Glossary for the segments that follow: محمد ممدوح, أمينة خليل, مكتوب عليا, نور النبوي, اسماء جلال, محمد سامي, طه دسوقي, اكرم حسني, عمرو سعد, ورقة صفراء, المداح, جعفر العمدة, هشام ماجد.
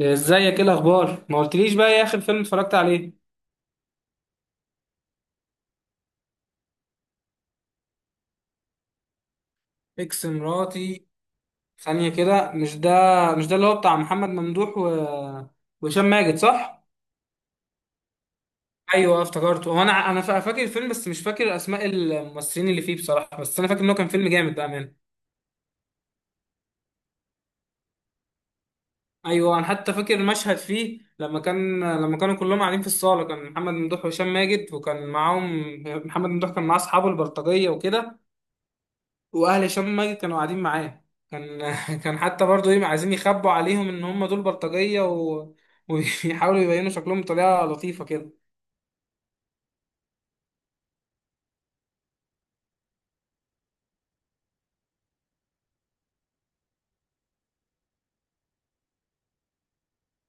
ازيك؟ ايه الاخبار؟ ما قلتليش بقى ايه اخر فيلم اتفرجت عليه؟ اكس مراتي؟ ثانية كده، مش ده. مش ده اللي هو بتاع محمد ممدوح وهشام ماجد، صح؟ ايوه افتكرته. هو فاكر الفيلم، بس مش فاكر اسماء الممثلين اللي فيه بصراحة، بس انا فاكر انه كان فيلم جامد بأمانة. ايوه، انا حتى فاكر المشهد فيه لما كانوا كلهم قاعدين في الصالة، كان محمد ممدوح وهشام ماجد وكان معاهم. محمد ممدوح كان معاه اصحابه البلطجية وكده، واهل هشام ماجد كانوا قاعدين معاه. كان كان حتى برضه ايه، عايزين يخبوا عليهم ان هم دول بلطجيه ويحاولوا يبينوا شكلهم بطريقه لطيفه كده.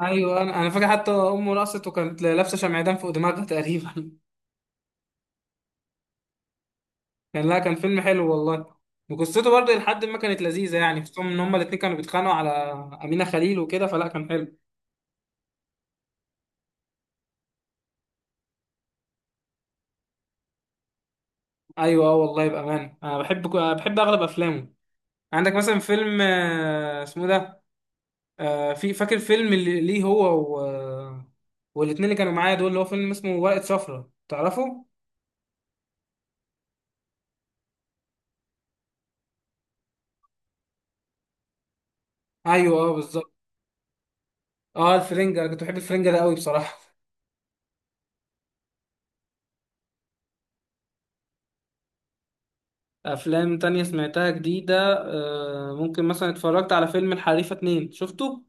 ايوه، انا فاكر حتى امه رقصت وكانت لابسه شمعدان فوق دماغها تقريبا كان لا، كان فيلم حلو والله، وقصته برضه لحد ما كانت لذيذه يعني، خصوصا ان هم الاتنين كانوا بيتخانقوا على امينه خليل وكده، فلا كان حلو. ايوه اه والله بامانه، انا بحب اغلب افلامه. عندك مثلا فيلم اسمه ده في فاكر فيلم اللي ليه هو والاتنين اللي كانوا معايا دول، اللي هو فيلم اسمه ورقة صفرا، تعرفه؟ ايوه اه بالظبط. اه الفرنجة، انا كنت بحب الفرنجة ده قوي بصراحة افلام تانية سمعتها جديدة، ممكن مثلا اتفرجت على فيلم الحريفة اتنين، شفته؟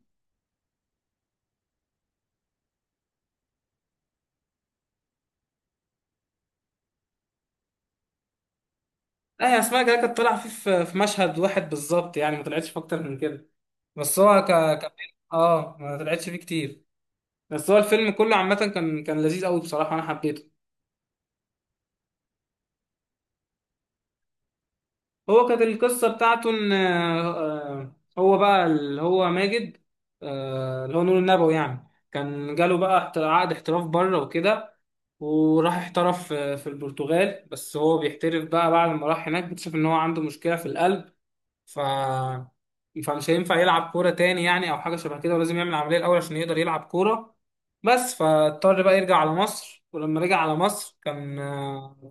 لا يا، اسماء جلال كانت طالعة فيه في مشهد واحد بالظبط، يعني ما طلعتش في اكتر من كده. بس هو ك... ك... اه ما طلعتش فيه كتير، بس هو الفيلم كله عامة كان كان لذيذ قوي بصراحة، انا حبيته. هو كانت القصة بتاعته إن هو بقى اللي هو ماجد، اللي هو نور النبوي، يعني كان جاله بقى عقد احتراف بره وكده، وراح احترف في البرتغال، بس هو بيحترف بقى بعد ما راح هناك، اكتشف إن هو عنده مشكلة في القلب. ف فمش هينفع يلعب كورة تاني يعني، أو حاجة شبه كده، ولازم يعمل عملية الأول عشان يقدر يلعب كورة. بس فاضطر بقى يرجع على مصر، ولما رجع على مصر كان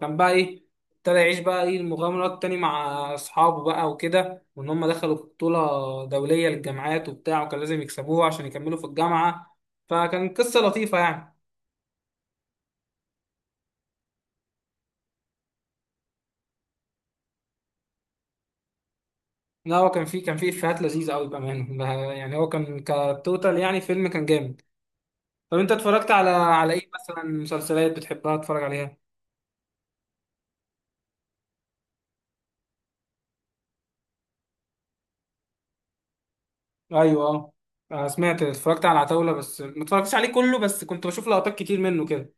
كان بقى إيه، ابتدى يعيش بقى إيه المغامرات تاني مع أصحابه بقى وكده، وإن هم دخلوا بطولة دولية للجامعات وبتاع، وكان لازم يكسبوها عشان يكملوا في الجامعة. فكان قصة لطيفة يعني. لا هو كان فيه كان فيه إفيهات لذيذة أوي بأمانة، ده يعني هو كان كتوتال، يعني فيلم كان جامد. طب انت اتفرجت على ايه مثلا؟ مسلسلات بتحبها تتفرج عليها؟ ايوه اه. سمعت اتفرجت على العتاولة، بس ما اتفرجتش عليه كله، بس كنت بشوف لقطات كتير منه كده.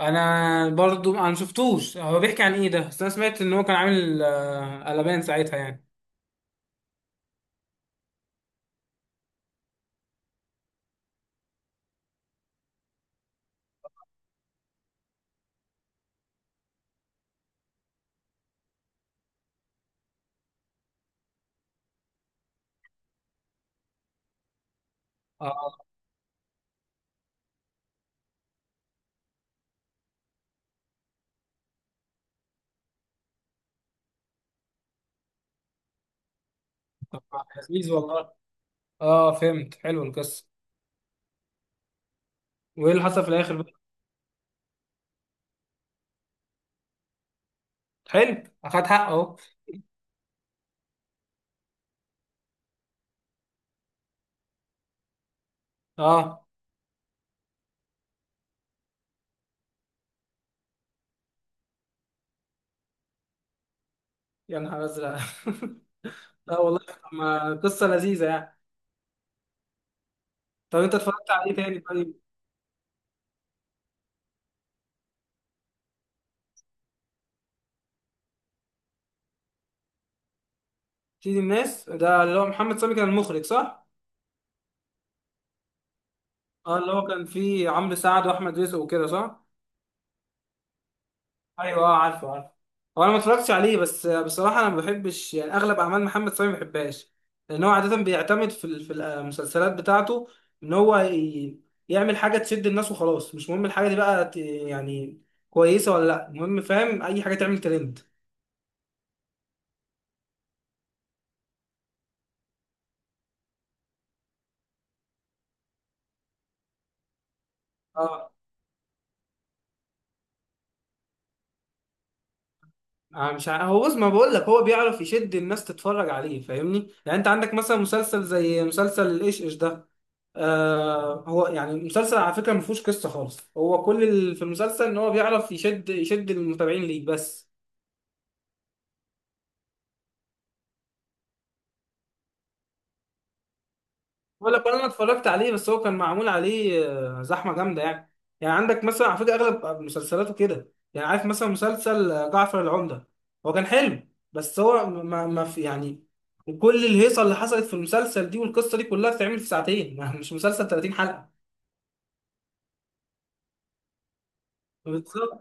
انا برضو انا شفتوش، هو بيحكي عن ايه ده؟ بس انا سمعت ان هو كان عامل قلبان ساعتها يعني. اه، طب لذيذ والله. اه فهمت، حلو القصة. وايه اللي حصل في الاخر بقى؟ حلو، اخد حقه اهو. اه، يا نهار ازرق لا والله طب ما قصة لذيذة يعني. طب انت اتفرجت على ايه تاني طيب؟ سيد الناس ده اللي هو محمد سامي كان المخرج، صح؟ اه اللي هو كان فيه عمرو سعد واحمد رزق وكده، صح؟ ايوه اه، عارفه عارفه. هو انا ما اتفرجتش عليه، بس بصراحه انا ما بحبش يعني اغلب اعمال محمد سامي ما بحبهاش، لان هو عاده بيعتمد في المسلسلات بتاعته ان يعمل حاجه تشد الناس وخلاص، مش مهم الحاجه دي بقى يعني كويسه ولا لا، المهم فاهم اي حاجه تعمل ترند. اه، آه، مش ع- هو بص ما بقول لك، هو بيعرف يشد الناس تتفرج عليه، فاهمني يعني؟ انت عندك مثلا مسلسل زي مسلسل الايش ايش ده، آه هو يعني المسلسل على فكره ما فيهوش قصه خالص، هو كل اللي في المسلسل ان هو بيعرف يشد المتابعين ليه بس. بقول لك انا اتفرجت عليه، بس هو كان معمول عليه زحمه جامده يعني. يعني عندك مثلا على فكره اغلب مسلسلاته كده، يعني عارف مثلا مسلسل جعفر العمده، هو كان حلو، بس هو ما في يعني كل الهيصه اللي حصلت في المسلسل دي والقصه دي كلها بتتعمل في ساعتين مش مسلسل 30 حلقه. بالظبط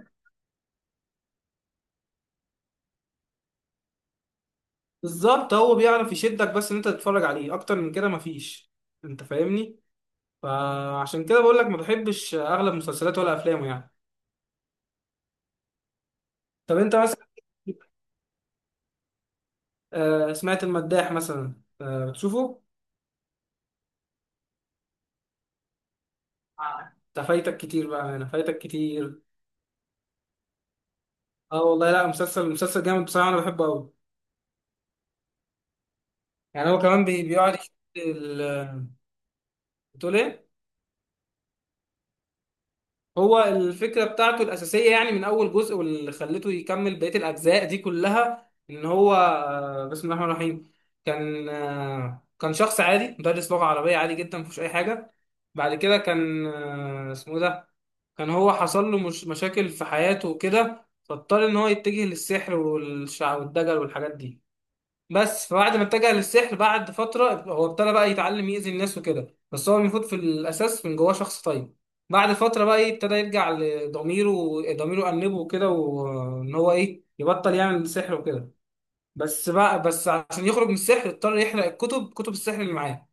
بالظبط، هو بيعرف يشدك بس ان انت تتفرج عليه، اكتر من كده مفيش. انت فاهمني؟ فعشان كده بقول لك ما بحبش اغلب مسلسلاته ولا افلامه يعني. طب انت مثلا، سمعت المداح مثلا، بتشوفه؟ آه. ده فايتك كتير بقى، انا فايتك كتير. اه والله لا، مسلسل مسلسل جامد بصراحه، انا بحبه قوي. يعني هو كمان بيقعد يشد ال- بتقول ايه؟ هو الفكرة بتاعته الأساسية يعني من أول جزء، واللي خلته يكمل بقية الأجزاء دي كلها، إن هو بسم الله الرحمن الرحيم، كان كان شخص عادي، مدرس لغة عربية عادي جدا مفيهوش أي حاجة. بعد كده كان اسمه إيه ده، كان هو حصل له مش مشاكل في حياته وكده، فاضطر إن هو يتجه للسحر والشع والدجل والحاجات دي. بس فبعد ما اتجه للسحر بعد فترة، هو ابتدى بقى يتعلم يأذي الناس وكده، بس هو المفروض في الأساس من جواه شخص طيب. بعد فترة بقى إيه، ابتدى يرجع لضميره، ضميره أنبه وكده، وإن هو إيه يبطل يعمل السحر وكده، بس بقى عشان يخرج من السحر اضطر يحرق الكتب، كتب السحر اللي معاه.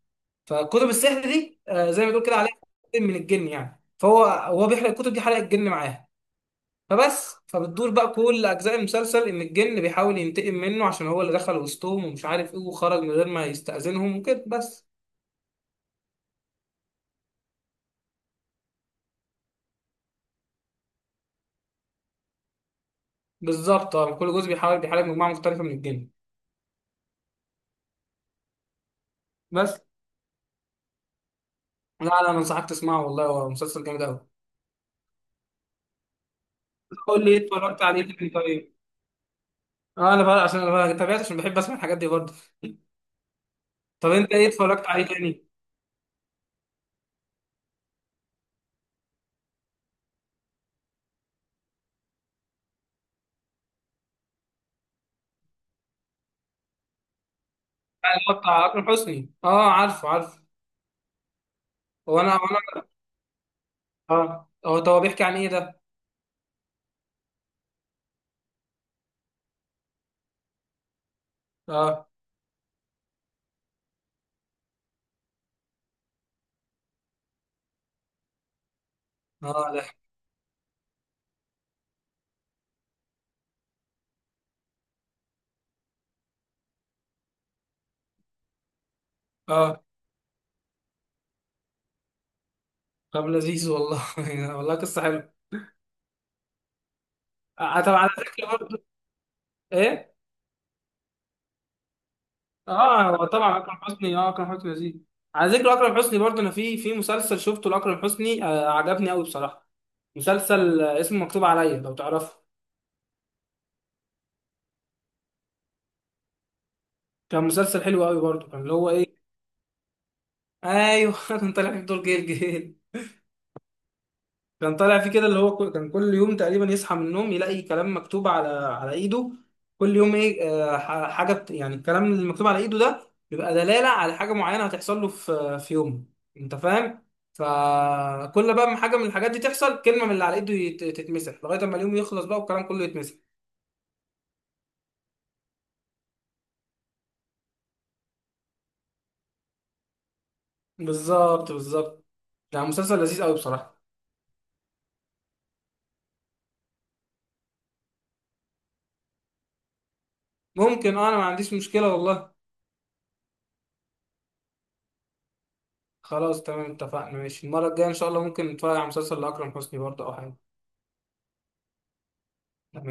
فكتب السحر دي زي ما تقول كده، عليها من الجن يعني، فهو بيحرق الكتب دي، حرق الجن معاه. فبتدور بقى كل اجزاء المسلسل ان الجن بيحاول ينتقم منه عشان هو اللي دخل وسطهم، ومش عارف ايه، وخرج من غير ما يستأذنهم وكده بس. بالظبط اه، كل جزء بيحاول بيحارب مجموعه مختلفه من الجن بس. لا انا انصحك تسمعه والله، هو مسلسل جامد قوي. قول لي ايه اتفرجت عليه تاني طيب؟ اه انا بقى عشان انا تابعت، عشان بحب اسمع الحاجات دي برضه. طب انت ايه اتفرجت عليه تاني؟ اللي هو بتاع اكرم حسني، اه عارفه عارفه. هو انا اه، هو طب هو بيحكي عن ايه ده؟ اه، اه ده. اه طب لذيذ والله والله قصه حلوه. طب على ذكر برضه، ايه اه، هو طبعا اكرم حسني، اه اكرم حسني لذيذ. على ذكر اكرم حسني برضه، انا في في مسلسل شفته لاكرم حسني آه عجبني قوي بصراحه، مسلسل اسمه مكتوب عليا، لو تعرفه كان مسلسل حلو قوي برضه. كان اللي هو ايه، ايوه كان طالع في دور جيل جيل. كان طالع فيه كده اللي هو كان كل يوم تقريبا يصحى من النوم يلاقي كلام مكتوب على ايده، كل يوم ايه حاجه يعني الكلام اللي مكتوب على ايده ده بيبقى دلاله على حاجه معينه هتحصل له في يومه، انت فاهم؟ فكل بقى ما حاجه من الحاجات دي تحصل، كلمه من اللي على ايده تتمسح، لغايه اما اليوم يخلص بقى والكلام كله يتمسح. بالظبط بالظبط، يعني مسلسل لذيذ قوي بصراحه. ممكن اه، انا ما عنديش مشكله والله. خلاص تمام، اتفقنا، ماشي، المره الجايه ان شاء الله ممكن نتفرج على مسلسل لاكرم حسني برضه او حاجه.